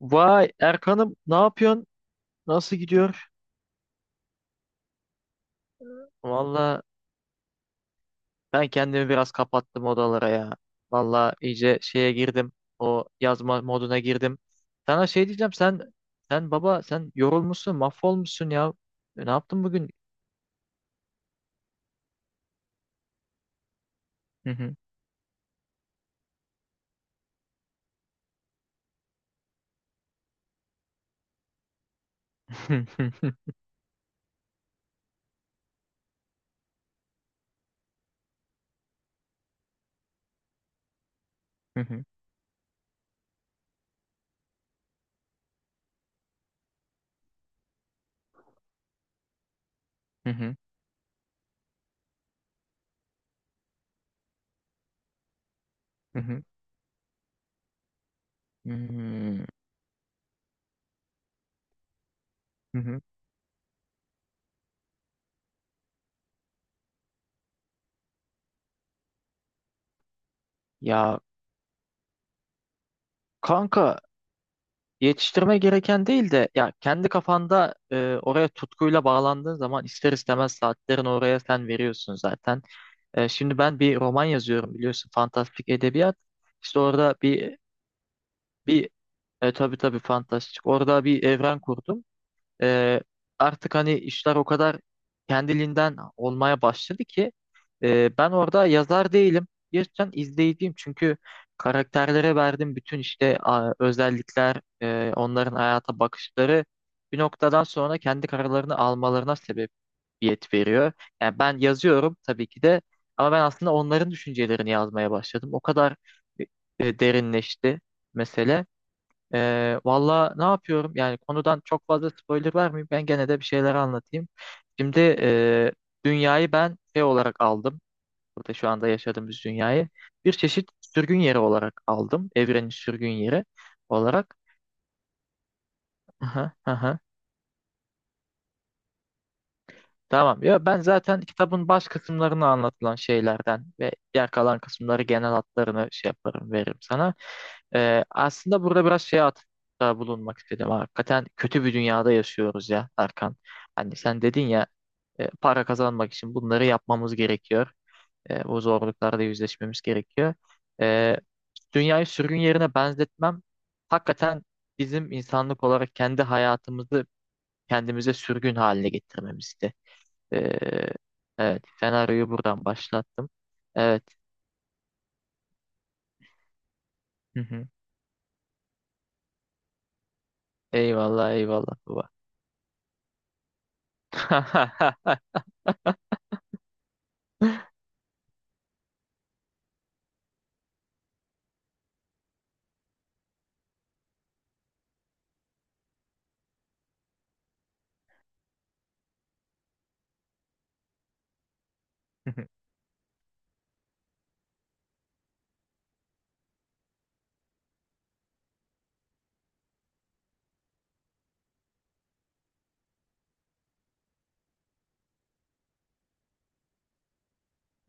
Vay Erkan'ım, ne yapıyorsun? Nasıl gidiyor? Valla ben kendimi biraz kapattım odalara ya. Valla iyice şeye girdim. O yazma moduna girdim. Sana şey diyeceğim, sen baba, sen yorulmuşsun, mahvolmuşsun ya. Ne yaptın bugün? Hı hı. Hı hı. Hı hı. Hı hı. Hmm. Hı hı. Ya kanka, yetiştirme gereken değil de ya kendi kafanda, oraya tutkuyla bağlandığın zaman ister istemez saatlerin oraya sen veriyorsun zaten. Şimdi ben bir roman yazıyorum, biliyorsun, fantastik edebiyat. İşte orada bir tabii tabii fantastik. Orada bir evren kurdum. E, Artık hani işler o kadar kendiliğinden olmaya başladı ki ben orada yazar değilim. Gerçekten izleyiciyim, çünkü karakterlere verdiğim bütün işte özellikler, onların hayata bakışları bir noktadan sonra kendi kararlarını almalarına sebep yet veriyor. Yani ben yazıyorum tabii ki de, ama ben aslında onların düşüncelerini yazmaya başladım. O kadar e, derinleşti mesele. Valla ne yapıyorum? Yani konudan çok fazla spoiler vermeyeyim. Ben gene de bir şeyler anlatayım. Şimdi dünyayı ben şey olarak aldım. Burada şu anda yaşadığımız dünyayı bir çeşit sürgün yeri olarak aldım. Evrenin sürgün yeri olarak. Aha, aha. Tamam. Ya ben zaten kitabın baş kısımlarını anlatılan şeylerden ve diğer kalan kısımları genel hatlarını şey yaparım, veririm sana. Aslında burada biraz şeye atıfta bulunmak istedim. Hakikaten kötü bir dünyada yaşıyoruz ya Erkan. Hani sen dedin ya, para kazanmak için bunları yapmamız gerekiyor. Bu zorluklarla yüzleşmemiz gerekiyor. E, Dünyayı sürgün yerine benzetmem hakikaten bizim insanlık olarak kendi hayatımızı kendimize sürgün haline getirmemizdi. Ee, evet, senaryoyu buradan başlattım. Evet. Hı hı. Eyvallah eyvallah baba. Hı hı.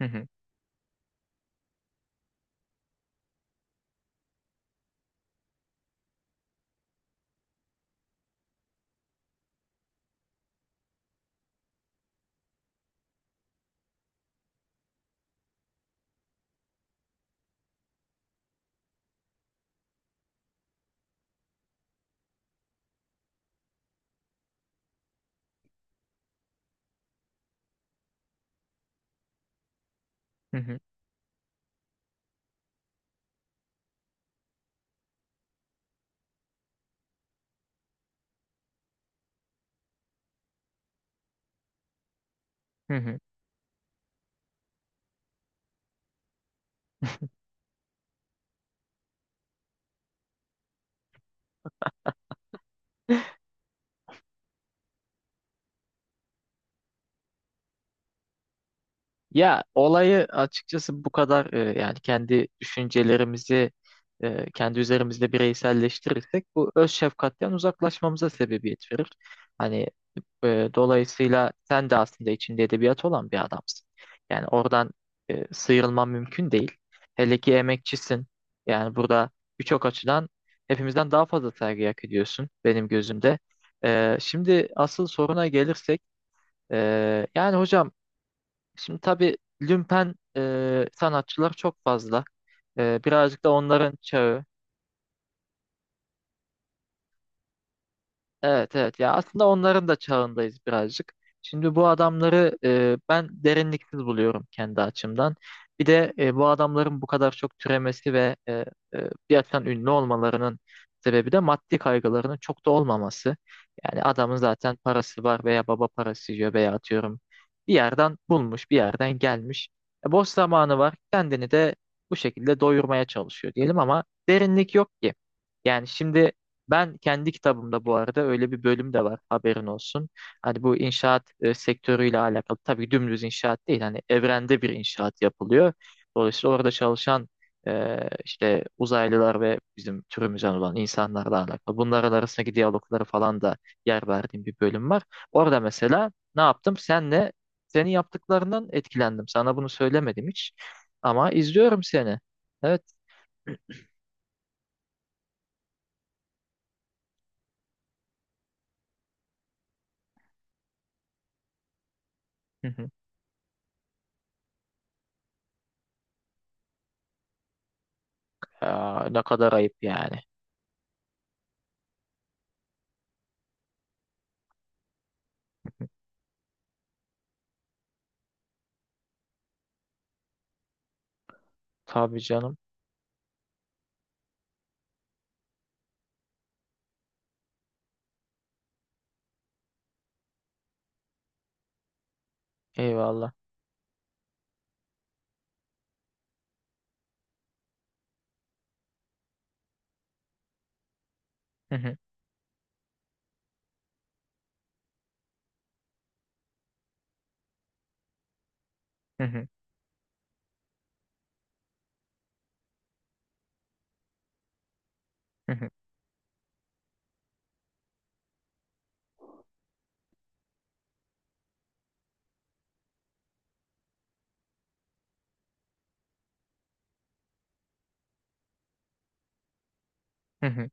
Hı hı. Hı hı. Hı hı. Ya olayı açıkçası bu kadar yani kendi düşüncelerimizi kendi üzerimizde bireyselleştirirsek bu öz şefkatten uzaklaşmamıza sebebiyet verir. Hani dolayısıyla sen de aslında içinde edebiyat olan bir adamsın. Yani oradan sıyrılman mümkün değil. Hele ki emekçisin. Yani burada birçok açıdan hepimizden daha fazla saygı hak ediyorsun benim gözümde. Şimdi asıl soruna gelirsek, yani hocam, şimdi tabii lümpen sanatçılar çok fazla. Birazcık da onların çağı. Evet evet, ya aslında onların da çağındayız birazcık. Şimdi bu adamları ben derinliksiz buluyorum kendi açımdan. Bir de bu adamların bu kadar çok türemesi ve bir açıdan ünlü olmalarının sebebi de maddi kaygılarının çok da olmaması. Yani adamın zaten parası var, veya baba parası yiyor, veya atıyorum bir yerden bulmuş, bir yerden gelmiş. Boş zamanı var, kendini de bu şekilde doyurmaya çalışıyor diyelim, ama derinlik yok ki. Yani şimdi ben kendi kitabımda bu arada öyle bir bölüm de var, haberin olsun. Hani bu inşaat sektörüyle alakalı, tabii dümdüz inşaat değil, hani evrende bir inşaat yapılıyor. Dolayısıyla orada çalışan işte uzaylılar ve bizim türümüzden olan insanlarla alakalı. Bunlar arasındaki diyalogları falan da yer verdiğim bir bölüm var. Orada mesela ne yaptım? Senin yaptıklarından etkilendim. Sana bunu söylemedim hiç, ama izliyorum seni. Evet. Hı hı. Aa, ne kadar ayıp yani. Tabii canım. Eyvallah. Hı hı, hı hı, hı hı, hı hı,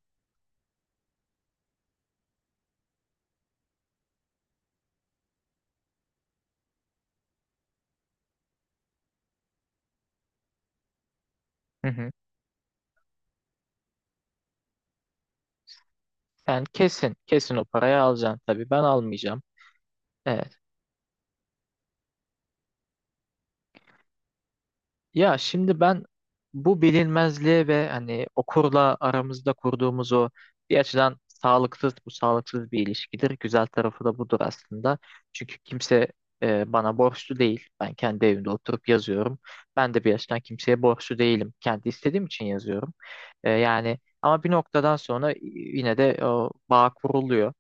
hı hı. Sen kesin, kesin o parayı alacaksın tabii. Ben almayacağım. Evet. Ya şimdi ben bu bilinmezliğe ve hani okurla aramızda kurduğumuz o bir açıdan sağlıksız, bu sağlıksız bir ilişkidir. Güzel tarafı da budur aslında. Çünkü kimse bana borçlu değil. Ben kendi evimde oturup yazıyorum. Ben de bir açıdan kimseye borçlu değilim. Kendi istediğim için yazıyorum. Yani ama bir noktadan sonra yine de o bağ kuruluyor.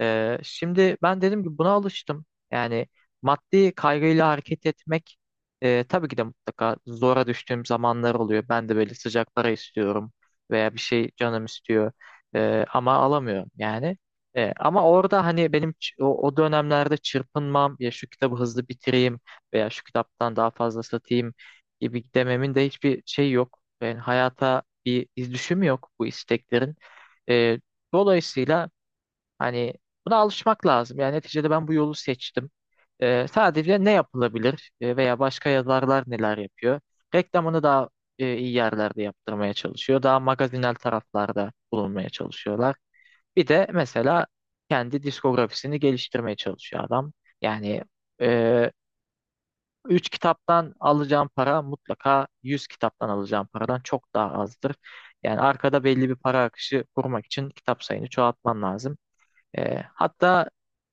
Şimdi ben dedim ki buna alıştım. Yani maddi kaygıyla hareket etmek, tabii ki de mutlaka zora düştüğüm zamanlar oluyor. Ben de böyle sıcak para istiyorum, veya bir şey canım istiyor. Ama alamıyorum yani. Ama orada hani benim o dönemlerde çırpınmam ya şu kitabı hızlı bitireyim, veya şu kitaptan daha fazla satayım gibi dememin de hiçbir şey yok. Yani hayata bir izdüşüm yok bu isteklerin. Ee, dolayısıyla hani buna alışmak lazım. Yani neticede ben bu yolu seçtim. Sadece ne yapılabilir? Veya başka yazarlar neler yapıyor? Reklamını daha iyi yerlerde yaptırmaya çalışıyor. Daha magazinel taraflarda bulunmaya çalışıyorlar. Bir de mesela kendi diskografisini geliştirmeye çalışıyor adam. Yani e, 3 kitaptan alacağım para mutlaka 100 kitaptan alacağım paradan çok daha azdır. Yani arkada belli bir para akışı kurmak için kitap sayını çoğaltman lazım. E, hatta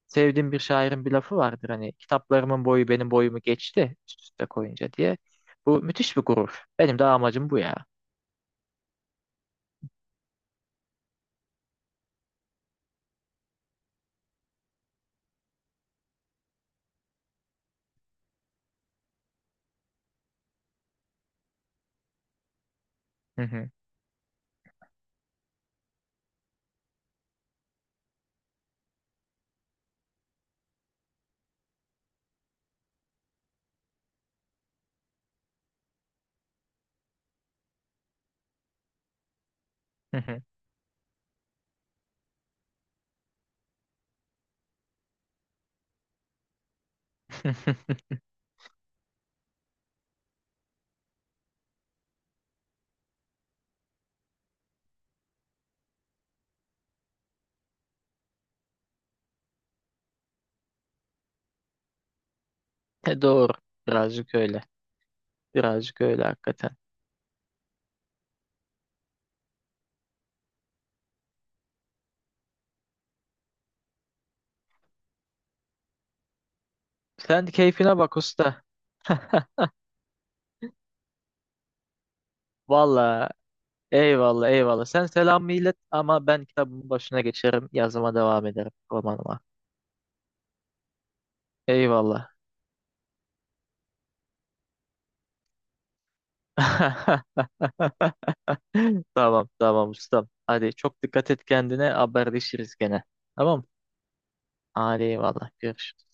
Sevdiğim bir şairin bir lafı vardır, hani kitaplarımın boyu benim boyumu geçti üst üste koyunca diye. Bu müthiş bir gurur. Benim de amacım bu ya. Hı hı, hı hı. Doğru. Birazcık öyle. Birazcık öyle hakikaten. Sen keyfine bak usta. Valla, eyvallah eyvallah. Sen selam millet, ama ben kitabımın başına geçerim. Yazıma devam ederim, romanıma. Eyvallah. Tamam tamam ustam. Hadi çok dikkat et kendine. Haberleşiriz gene. Tamam. Hadi eyvallah. Görüşürüz.